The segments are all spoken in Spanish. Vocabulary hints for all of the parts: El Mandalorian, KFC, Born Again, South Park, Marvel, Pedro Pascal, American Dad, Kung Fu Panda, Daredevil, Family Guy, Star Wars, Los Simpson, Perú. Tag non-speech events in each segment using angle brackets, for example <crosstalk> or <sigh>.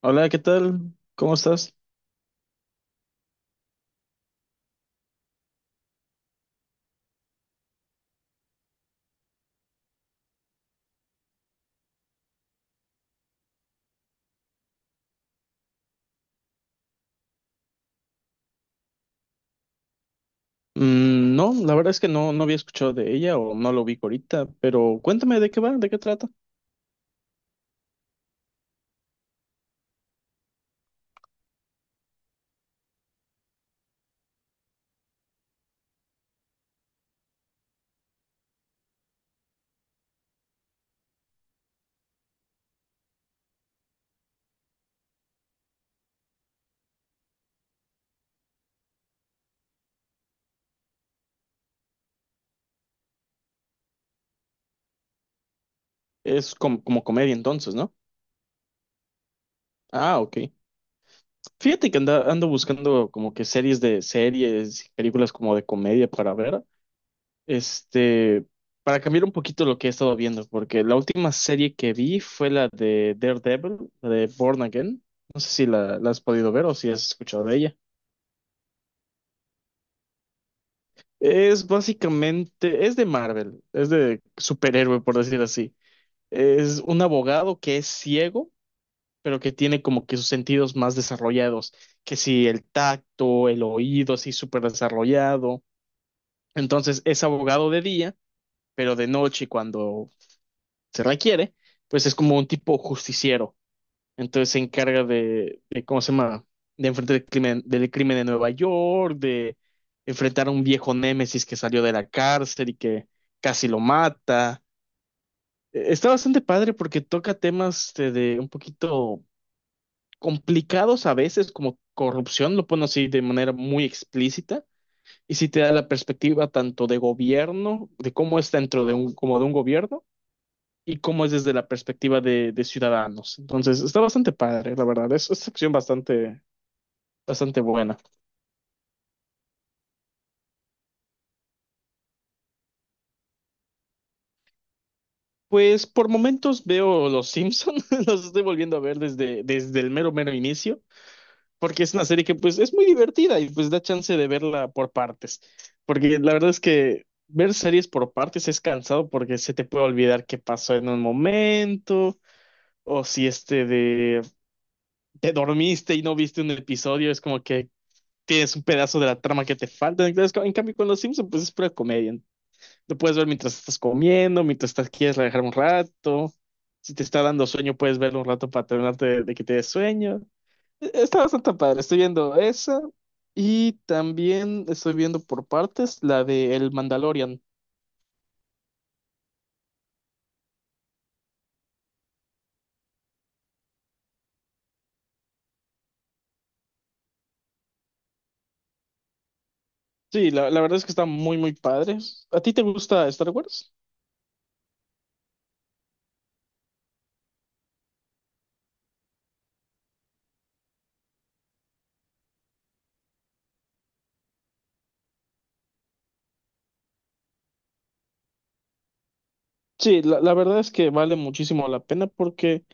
Hola, ¿qué tal? ¿Cómo estás? No, la verdad es que no había escuchado de ella o no lo ubico ahorita, pero cuéntame de qué va, de qué trata. Es como, como comedia entonces, ¿no? Ah, ok. Fíjate que ando buscando como que series de series, películas como de comedia para ver, este, para cambiar un poquito lo que he estado viendo, porque la última serie que vi fue la de Daredevil, la de Born Again. No sé si la has podido ver o si has escuchado de ella. Es básicamente, es de Marvel, es de superhéroe, por decir así. Es un abogado que es ciego, pero que tiene como que sus sentidos más desarrollados, que si el tacto, el oído, así súper desarrollado. Entonces es abogado de día, pero de noche cuando se requiere, pues es como un tipo justiciero entonces se encarga de ¿cómo se llama? De enfrentar el crimen, del crimen de Nueva York, de enfrentar a un viejo némesis que salió de la cárcel y que casi lo mata. Está bastante padre porque toca temas de un poquito complicados a veces, como corrupción, lo pone así de manera muy explícita. Y sí te da la perspectiva tanto de gobierno, de cómo es dentro de un, como de un gobierno, y cómo es desde la perspectiva de ciudadanos. Entonces, está bastante padre, la verdad. Es acción bastante, bastante buena. Pues por momentos veo Los Simpson, <laughs> los estoy volviendo a ver desde el mero mero inicio, porque es una serie que pues es muy divertida y pues da chance de verla por partes, porque la verdad es que ver series por partes es cansado porque se te puede olvidar qué pasó en un momento, o si este de te dormiste y no viste un episodio, es como que tienes un pedazo de la trama que te falta. Entonces, en cambio con Los Simpson pues es pura comedia, lo puedes ver mientras estás comiendo, mientras estás, quieres relajar un rato. Si te está dando sueño, puedes verlo un rato para terminarte de que te dé sueño. Está bastante padre. Estoy viendo esa y también estoy viendo por partes la de El Mandalorian. Sí, la verdad es que está muy, muy padre. ¿A ti te gusta Star Wars? Sí, la verdad es que vale muchísimo la pena porque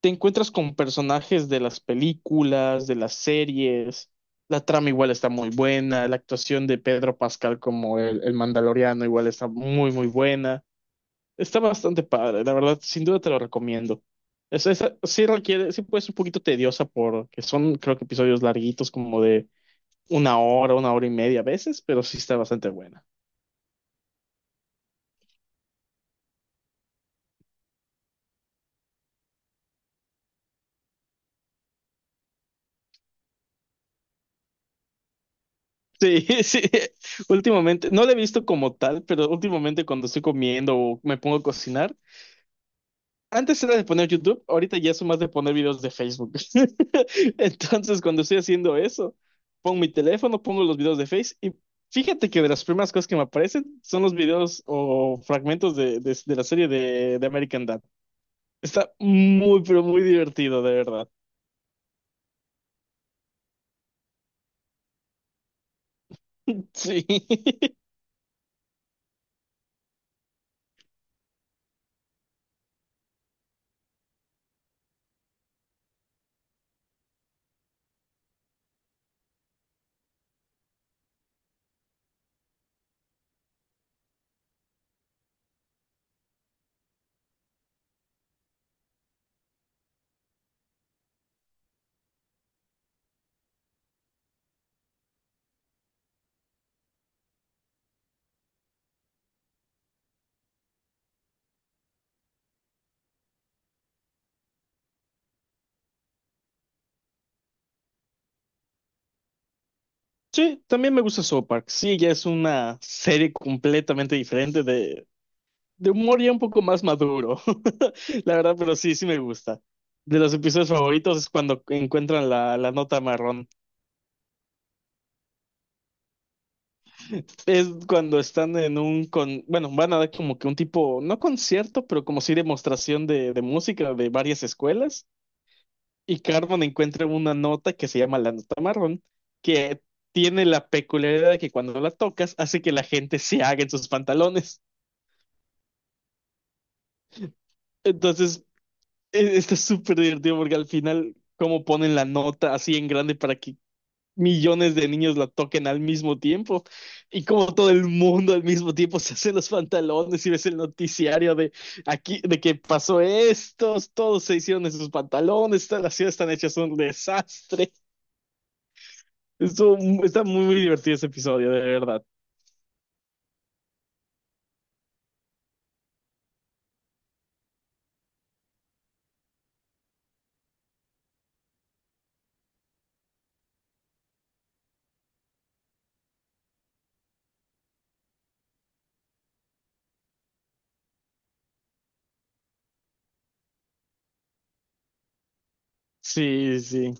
te encuentras con personajes de las películas, de las series. La trama igual está muy buena, la actuación de Pedro Pascal como el Mandaloriano igual está muy, muy buena. Está bastante padre, la verdad, sin duda te lo recomiendo. Sí requiere, sí puede ser un poquito tediosa porque son, creo que episodios larguitos como de una hora y media a veces, pero sí está bastante buena. Sí, <laughs> sí, últimamente, no la he visto como tal, pero últimamente cuando estoy comiendo o me pongo a cocinar, antes era de poner YouTube, ahorita ya son más de poner videos de Facebook. <laughs> Entonces, cuando estoy haciendo eso, pongo mi teléfono, pongo los videos de Face y fíjate que de las primeras cosas que me aparecen son los videos o fragmentos de la serie de American Dad. Está muy, pero muy divertido, de verdad. Sí. <laughs> Sí, también me gusta South Park. Sí, ya es una serie completamente diferente de humor ya un poco más maduro, <laughs> la verdad, pero sí, sí me gusta. De los episodios favoritos es cuando encuentran la nota marrón. Es cuando están en un bueno, van a dar como que un tipo, no concierto, pero como sí demostración de música de varias escuelas. Y Carmen encuentra una nota que se llama la nota marrón, que tiene la peculiaridad de que cuando la tocas hace que la gente se haga en sus pantalones. Entonces está súper divertido porque al final, como ponen la nota así en grande para que millones de niños la toquen al mismo tiempo y como todo el mundo al mismo tiempo se hace los pantalones y ves el noticiario de aquí, de que pasó esto, todos se hicieron en sus pantalones, todas las ciudades están hechas un desastre. Está muy, muy divertido ese episodio, de verdad. Sí, sí.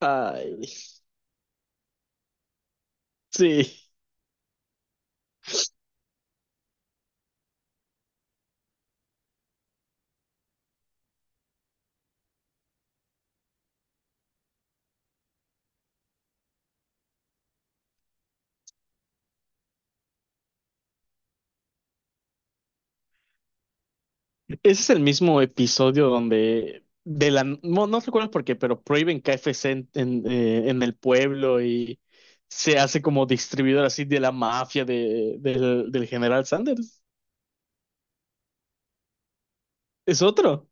Ay, sí. Ese es el mismo episodio donde de la no, no recuerdo por qué, pero prohíben KFC en en el pueblo y se hace como distribuidor así de la mafia del del general Sanders. Es otro.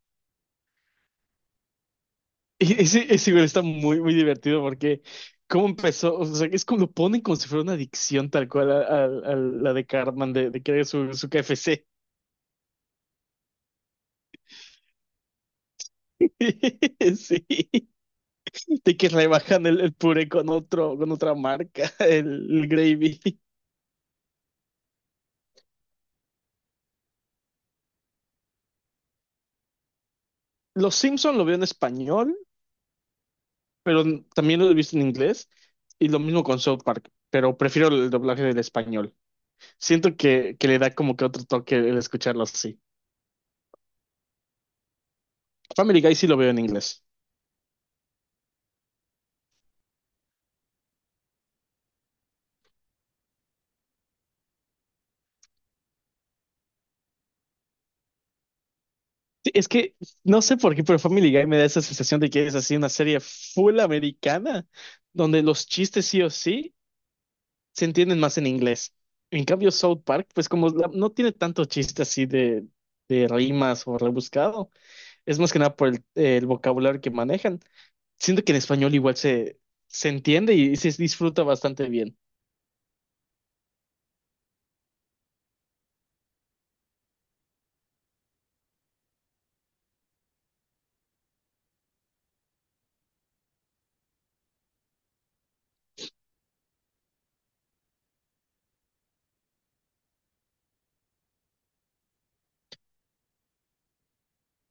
Y ese igual está muy, muy divertido porque cómo empezó, o sea, es como lo ponen como si fuera una adicción tal cual a, a la de Cartman de querer su KFC. <laughs> Sí, de que rebajan el puré con otro, con otra marca, el gravy. Los Simpson lo veo en español, pero también lo he visto en inglés. Y lo mismo con South Park, pero prefiero el doblaje del español. Siento que le da como que otro toque el escucharlo así. Family Guy sí lo veo en inglés. Sí, es que no sé por qué, pero Family Guy me da esa sensación de que es así una serie full americana, donde los chistes sí o sí se entienden más en inglés. En cambio, South Park, pues como no tiene tanto chiste así de rimas o rebuscado, es más que nada por el vocabulario que manejan. Siento que en español igual se entiende y se disfruta bastante bien.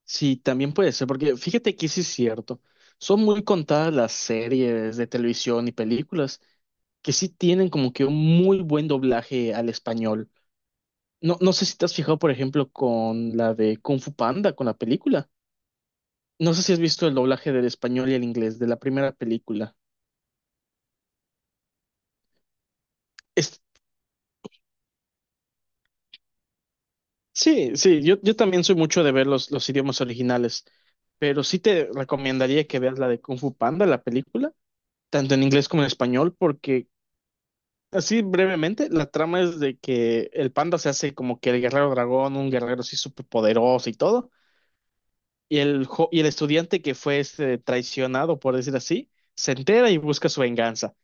Sí, también puede ser, porque fíjate que sí es cierto. Son muy contadas las series de televisión y películas que sí tienen como que un muy buen doblaje al español. No, no sé si te has fijado, por ejemplo, con la de Kung Fu Panda, con la película. No sé si has visto el doblaje del español y el inglés de la primera película. Sí, sí, yo también soy mucho de ver los idiomas originales, pero sí te recomendaría que veas la de Kung Fu Panda, la película, tanto en inglés como en español, porque así brevemente, la trama es de que el panda se hace como que el guerrero dragón, un guerrero así súper poderoso y todo, y y el estudiante que fue este, traicionado, por decir así, se entera y busca su venganza.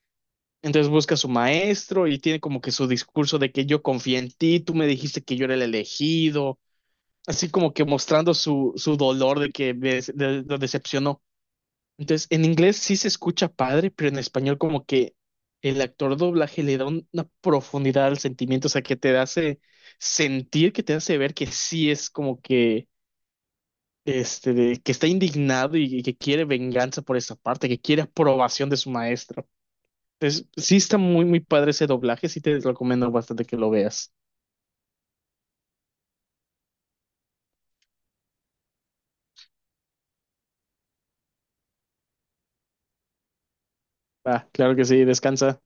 Entonces busca a su maestro y tiene como que su discurso de que yo confié en ti, tú me dijiste que yo era el elegido así como que mostrando su dolor de que lo decepcionó. Entonces, en inglés sí se escucha padre, pero en español como que el actor doblaje le da una profundidad al sentimiento, o sea, que te hace sentir, que te hace ver que sí es como que, que está indignado y que quiere venganza por esa parte, que quiere aprobación de su maestro. Entonces, sí está muy, muy padre ese doblaje, sí te recomiendo bastante que lo veas. Ah, claro que sí, descansa.